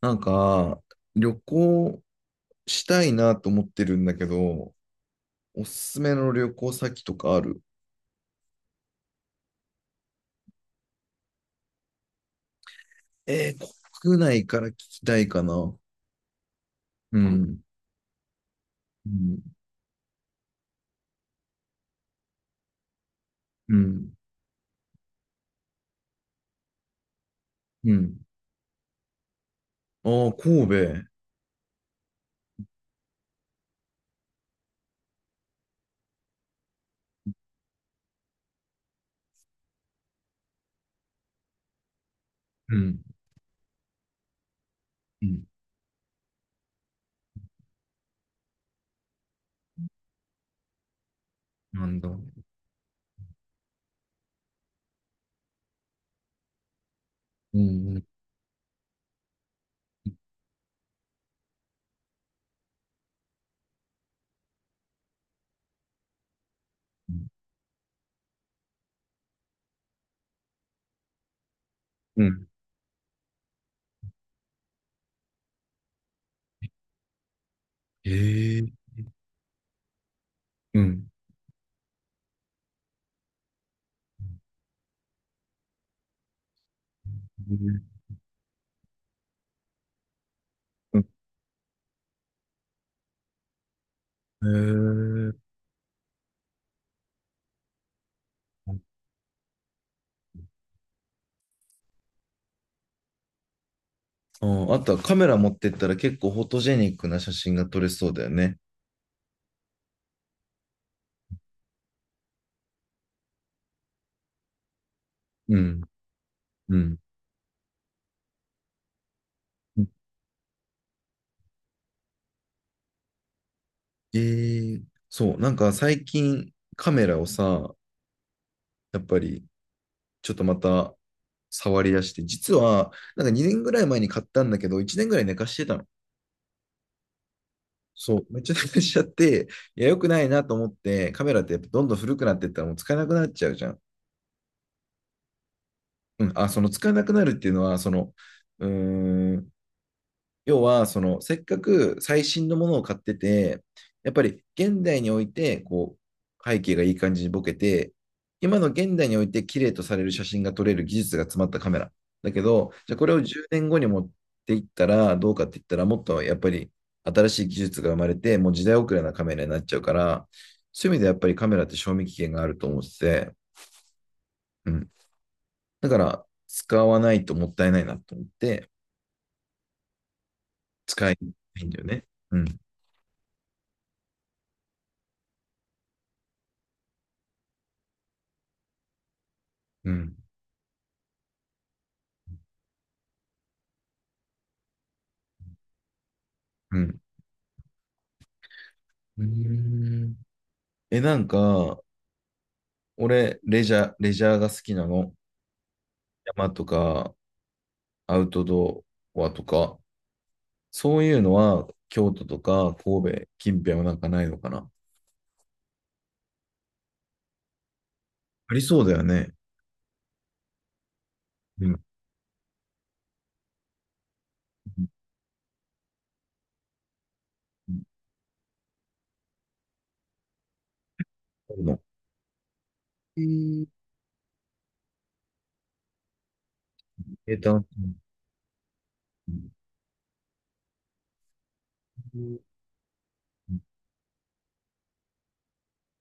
なんか、旅行したいなと思ってるんだけど、おすすめの旅行先とかある？えー、国内から聞きたいかな。うんん。うん。うん。うん。ああ、神戸。うん。うん、なんだ。うん。うん。うん。へえ。うん。うん。へえ。ああ、あとはカメラ持ってったら結構フォトジェニックな写真が撮れそうだよね。うん。うん。そう、なんか最近カメラをさ、やっぱりちょっとまた触り出して、実はなんか2年ぐらい前に買ったんだけど、1年ぐらい寝かしてたの。そう、めっちゃ寝かしちゃって、いや、良くないなと思って、カメラってやっぱどんどん古くなってったらもう使えなくなっちゃうじゃん。うん、あ、その使えなくなるっていうのは、その、うーん、要は、その、せっかく最新のものを買ってて、やっぱり現代において、こう、背景がいい感じにボケて、今の現代において綺麗とされる写真が撮れる技術が詰まったカメラ。だけど、じゃあこれを10年後に持っていったらどうかって言ったら、もっとやっぱり新しい技術が生まれて、もう時代遅れなカメラになっちゃうから、そういう意味でやっぱりカメラって賞味期限があると思ってて、うん。だから、使わないともったいないなと思って、使いたいんだよね。うん。うん。うん。うーん。え、なんか、俺、レジャーが好きなの。山とか、アウトドアとか、そういうのは、京都とか、神戸、近辺はなんかないのかな？ありそうだよね。うん。うん、そういうの。えー、うん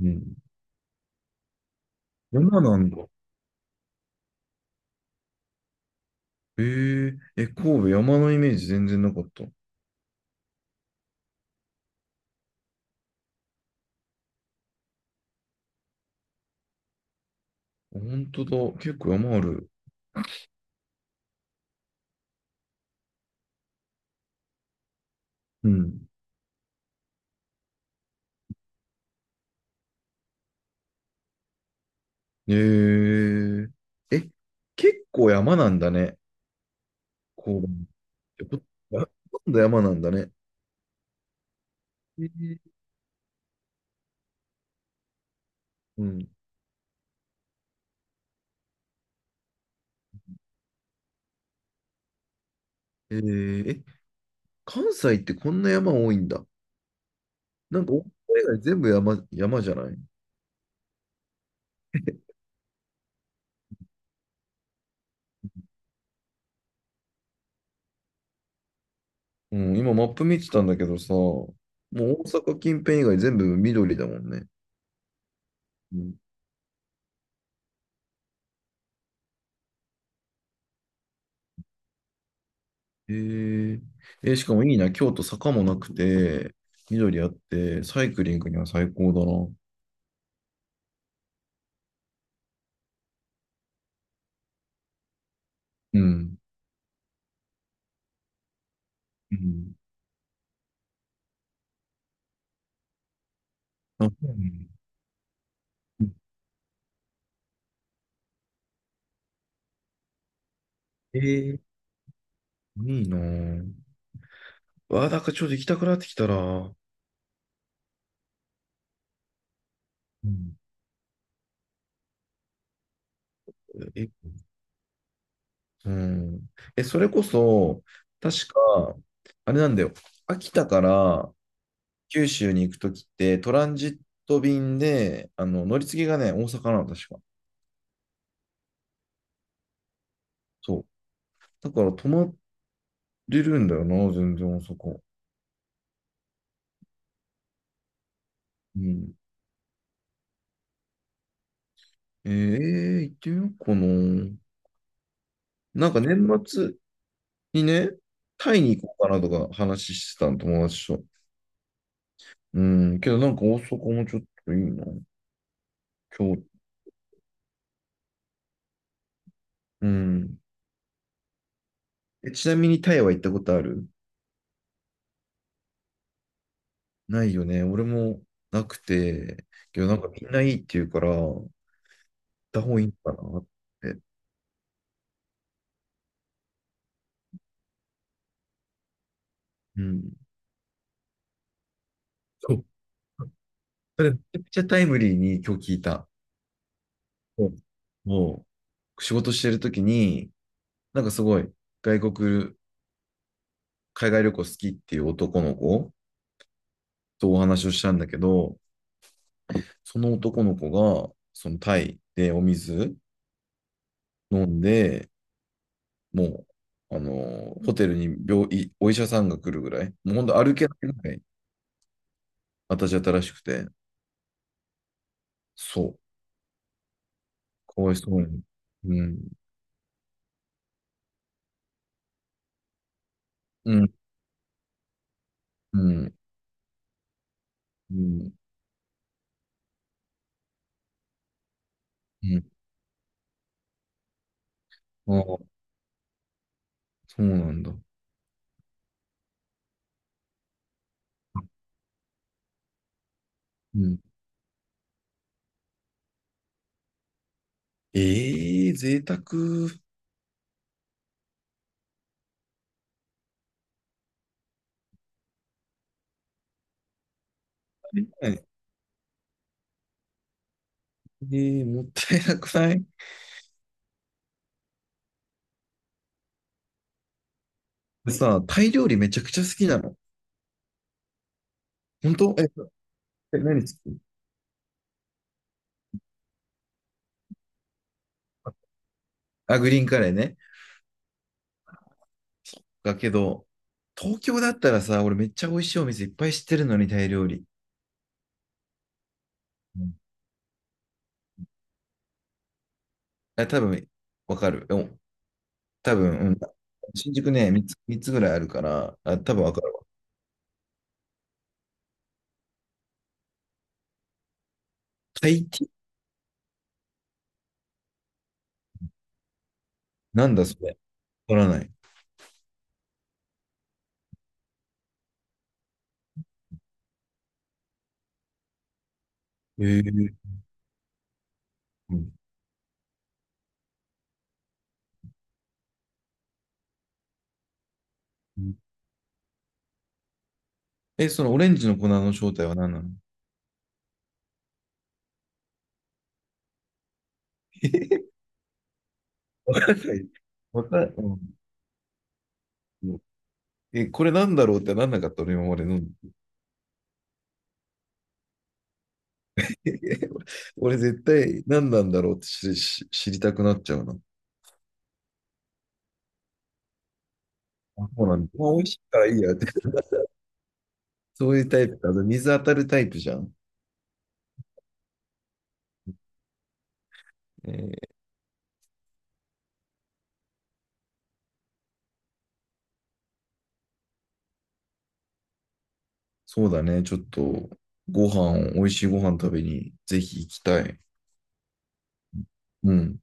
うん。山なんだ。神戸、山のイメージ全然なかった。本当だ。結構山ある。うん。えー、え、結構山なんだね。交番。えこあ今度山なんだね。えーうん。えーえ、関西ってこんな山多いんだ。なんか、大阪以外全部山、山じゃない？ うん、今マップ見てたんだけどさ、もう大阪近辺以外全部緑だもんね。うん、えーしかもいいな、京都坂もなくて、緑あって、サイクリングには最高だな。うん。うん。あ、そうね。うん。えーいいなぁ。わあ、なんかちょっと行きたくなってきたな。うん。え、うん。それこそ、確か、あれなんだよ。秋田から九州に行くときって、トランジット便で、あの、乗り継ぎがね、大阪なの、確か。そう。だから、泊まれるんだよな、全然大阪。うん。行ってみようかな。なんか年末にね、タイに行こうかなとか話してたの、友達と。うん。けど、なんか大阪もちょっといいな。今日。うん。ちなみにタイは行ったことある？ないよね。俺もなくて、けどなんかみんないいって言うから、行った方がいいのかなって。うん。そう。それめちゃくちゃタイムリーに今日聞いた。うん。もう仕事してる時に、なんかすごい外国、海外旅行好きっていう男の子とお話をしたんだけど、その男の子が、そのタイでお水飲んで、もう、あの、ホテルに病院、お医者さんが来るぐらい、もうほんと歩けないぐらい私新しくて、そう。かわいそうに。うん。うん。うん。うん。うん。ああ、そうなんだ。うん。ええー贅沢。はい。ええー、もったいなくない？でさ、タイ料理めちゃくちゃ好きなの。本当？え、何好き？あ、グリーンカレーね。だけど、東京だったらさ、俺めっちゃ美味しいお店いっぱい知ってるのに、タイ料理。うん、あ、多分、わかる。お、多分、うん。新宿ね、3つ、三つぐらいあるから、あ、多分わかるわ。タイティー？なんだそれ？わからない。えー、うん。うん。そのオレンジの粉の正体は何なの？ わかんない。わかんうん。これなんだろうってなんなかった俺今まで飲んで。俺絶対何なんだろうって知りたくなっちゃうな。あ、そうなんだ。まあ、美味しいからいいやって。そういうタイプか。あと水当たるタイプじゃん。えーそうだね。ちょっと、ご飯、美味しいご飯食べに、ぜひ行きたい。うん。